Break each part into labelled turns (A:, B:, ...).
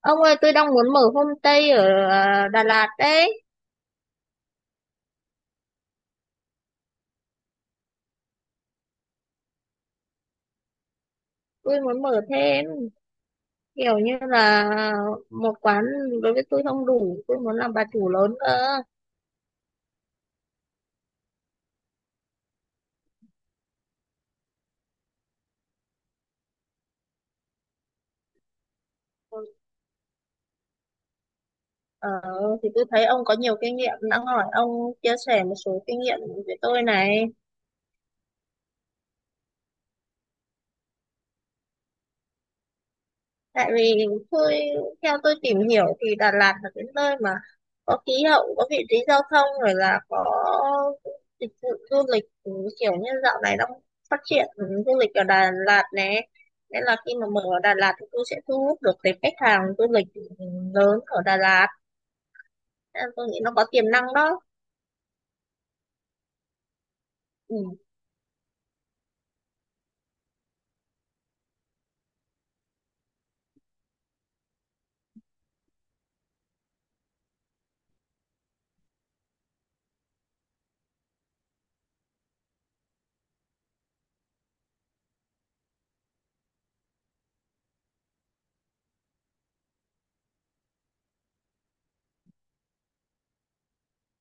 A: Ông ơi, tôi đang muốn mở homestay ở Đà Lạt đấy. Tôi muốn mở thêm kiểu như là một quán, đối với tôi không đủ. Tôi muốn làm bà chủ lớn cơ. Ờ, thì tôi thấy ông có nhiều kinh nghiệm. Đã hỏi ông chia sẻ một số kinh nghiệm với tôi này. Tại vì tôi theo tôi tìm hiểu thì Đà Lạt là cái nơi mà có khí hậu, có vị trí giao thông, rồi là có dịch vụ du lịch. Ừ, Kiểu như dạo này đang phát triển du lịch ở Đà Lạt nè, nên là khi mà mở ở Đà Lạt thì tôi sẽ thu hút được cái khách hàng du lịch lớn ở Đà Lạt. Nên là tôi nghĩ nó có tiềm năng đó. Ừ.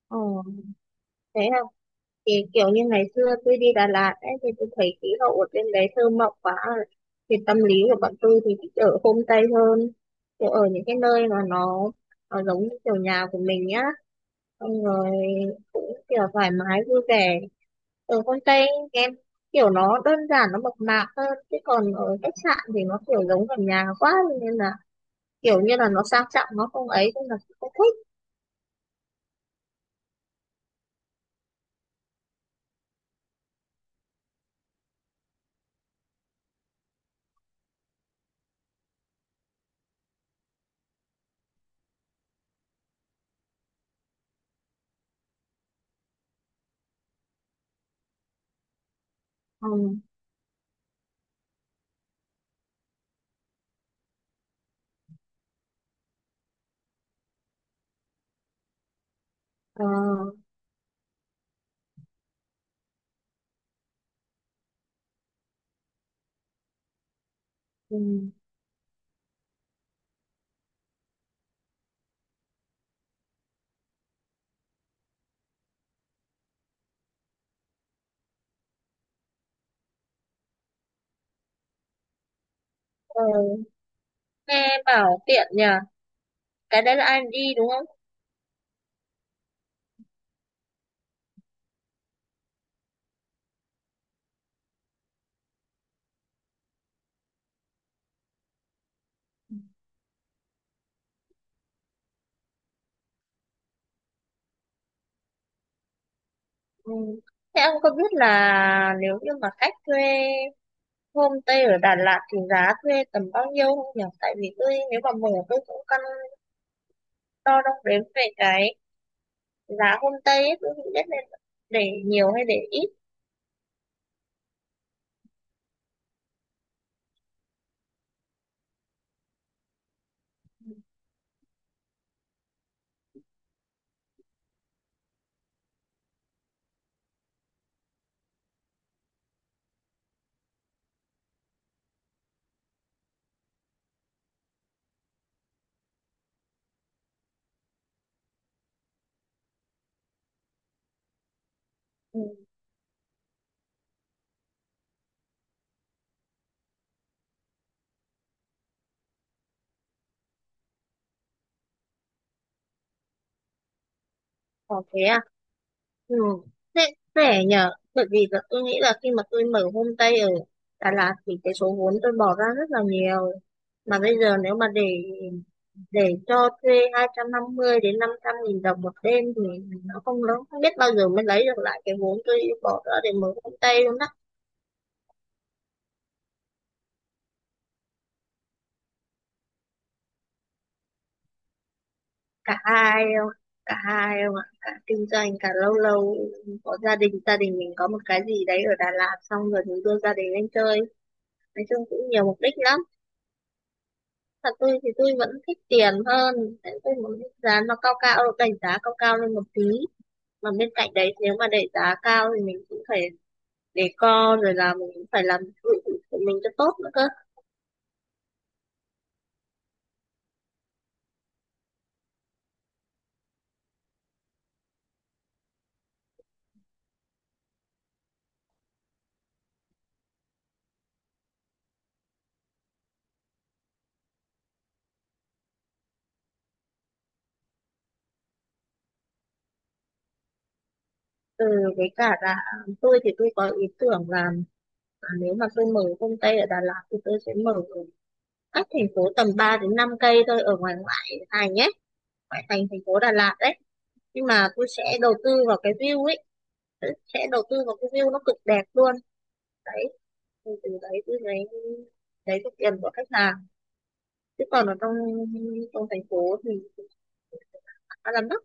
A: Ờ, Thế thì kiểu như ngày xưa tôi đi Đà Lạt ấy thì tôi thấy khí hậu ở bên đấy thơ mộng quá, thì tâm lý của bọn tôi thì thích ở homestay hơn, kiểu ở những cái nơi mà nó giống như kiểu nhà của mình nhá, xong rồi cũng kiểu thoải mái vui vẻ ở homestay em, kiểu nó đơn giản, nó mộc mạc hơn, chứ còn ở khách sạn thì nó kiểu giống gần nhà quá, nên là kiểu như là nó sang trọng nó không ấy, nên là cũng không thích. Ừ. Ờ. Ừ. Ờ, nghe bảo tiện nhỉ. Cái đấy là ai đi đúng không? Ừ. Thế ông có biết là nếu như mà khách thuê homestay ở Đà Lạt thì giá thuê tầm bao nhiêu không nhỉ? Tại vì tôi nếu mà mở tôi cũng căn đo đong đếm về cái giá homestay ấy, tôi không biết nên để nhiều hay để ít. Ừ. Có thế à? Ừ. Thế rẻ nhờ, bởi vì là tôi nghĩ là khi mà tôi mở homestay ở Đà Lạt thì cái số vốn tôi bỏ ra rất là nhiều, mà bây giờ nếu mà để cho thuê 250.000 đến 500.000 đồng một đêm thì nó không lớn, không biết bao giờ mới lấy được lại cái vốn tôi bỏ ra để mở công ty luôn đó. cả hai không Cả hai không ạ, cả kinh doanh cả lâu lâu, có gia đình mình có một cái gì đấy ở Đà Lạt xong rồi mình đưa gia đình lên chơi, nói chung cũng nhiều mục đích lắm. Thật tôi thì tôi vẫn thích tiền hơn, tôi muốn giá nó cao cao, đẩy giá cao cao lên một tí, mà bên cạnh đấy nếu mà đẩy giá cao thì mình cũng phải để co, rồi là mình cũng phải làm nội thất của mình cho tốt nữa cơ. Ừ, với cả là tôi thì tôi có ý tưởng là nếu mà tôi mở công ty ở Đà Lạt thì tôi sẽ mở ở cách thành phố tầm 3 đến 5 cây thôi, ở ngoài ngoại thành nhé, ngoại thành thành phố Đà Lạt đấy. Nhưng mà tôi sẽ đầu tư vào cái view ấy, tôi sẽ đầu tư vào cái view nó cực đẹp luôn. Đấy, thì từ đấy tôi lấy được tiền của khách hàng, chứ còn ở trong trong thành phố thì khá là mắc.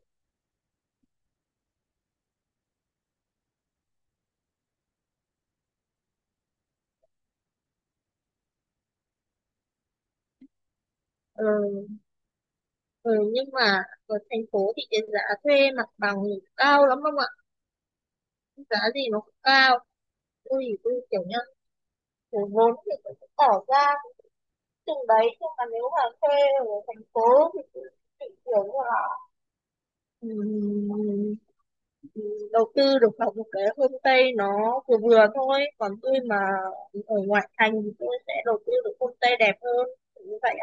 A: Ờ. Ừ, nhưng mà ở thành phố thì cái giá thuê mặt bằng thì cao lắm không ạ? Giá gì nó cũng cao. Tôi thì tôi kiểu như cái vốn thì tôi cũng bỏ ra cũng chừng đấy. Nhưng mà nếu mà thuê ở thành phố thì tôi chỉ kiểu như là ừm, đầu tư được vào một cái homestay nó vừa vừa thôi. Còn tôi mà ở ngoại thành thì tôi sẽ đầu tư được homestay đẹp hơn. Kiểu như vậy.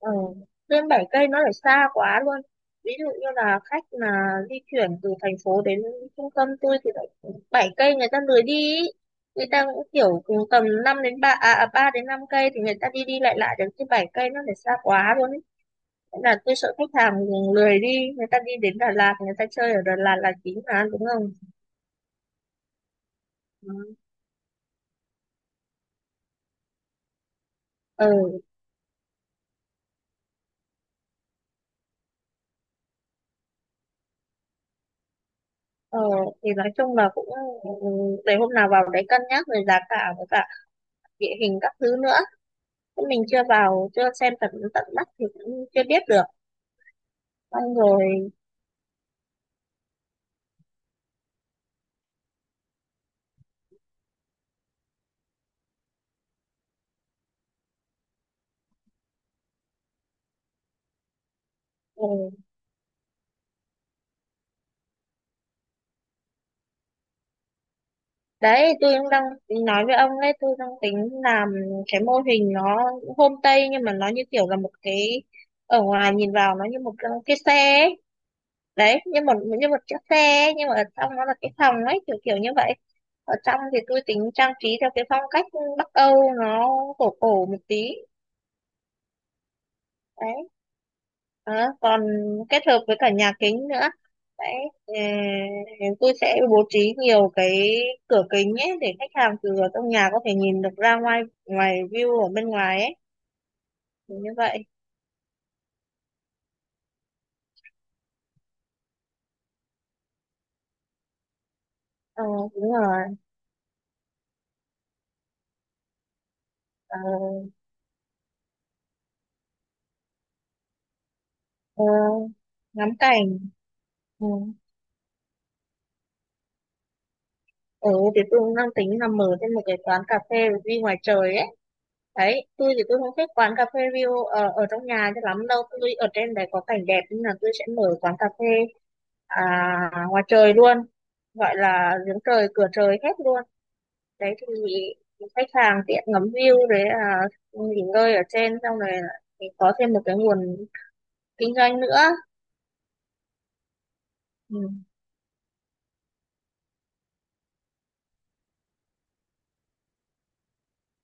A: Ừ. Lên 7 cây nó lại xa quá luôn. Ví dụ như là khách mà di chuyển từ thành phố đến trung tâm tôi thì lại 7 cây người ta lười đi ý. Người ta cũng kiểu cùng tầm 5 đến 3 à 3 đến 5 cây thì người ta đi đi lại lại được, chứ 7 cây nó lại xa quá luôn ý. Thế là tôi sợ khách hàng lười đi, người ta đi đến Đà Lạt, người ta chơi ở Đà Lạt là chính mà đúng không? Ừ. Ừ. ờ, thì nói chung là cũng, ừ, để hôm nào vào đấy cân nhắc về giá cả với cả địa hình các thứ nữa. Chứ mình chưa vào chưa xem tận tận mắt thì cũng chưa biết được, xong rồi. Ừ. Đấy tôi cũng đang nói với ông đấy, tôi đang tính làm cái mô hình nó homestay nhưng mà nó như kiểu là một cái, ở ngoài nhìn vào nó như một cái xe ấy. Đấy, như một, như một chiếc xe ấy, nhưng mà ở trong nó là cái phòng ấy kiểu kiểu như vậy. Ở trong thì tôi tính trang trí theo cái phong cách Bắc Âu, nó cổ cổ một tí đấy. Đó, còn kết hợp với cả nhà kính nữa đấy. ờ, tôi sẽ bố trí nhiều cái cửa kính ấy để khách hàng từ ở trong nhà có thể nhìn được ra ngoài, ngoài view ở bên ngoài ấy. Thì như vậy. Ờ, đúng rồi. Ờ. Ờ, ngắm cảnh. Ừ. Ừ, thì tôi cũng đang tính là mở thêm một cái quán cà phê view ngoài trời ấy. Đấy tôi thì tôi không thích quán cà phê view ở trong nhà cho lắm đâu, tôi ở trên đấy có cảnh đẹp nên là tôi sẽ mở quán cà phê à, ngoài trời luôn, gọi là giếng trời cửa trời hết luôn đấy. Thì khách hàng tiện ngắm view, đấy là nghỉ ngơi ở trên xong rồi là mình có thêm một cái nguồn kinh doanh nữa. Ừ.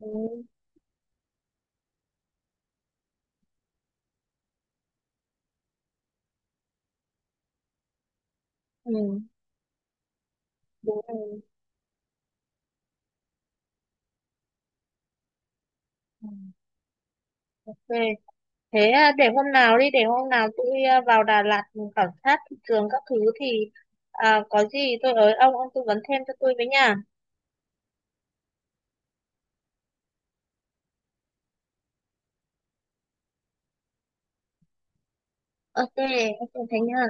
A: Ừ. Ừ. Đúng rồi. Ừ. Ok. Thế à, để hôm nào đi, để hôm nào tôi vào Đà Lạt mình khảo sát thị trường các thứ, thì có gì tôi ới ông tư vấn thêm cho tôi với nha. Ok, ok, thế nha.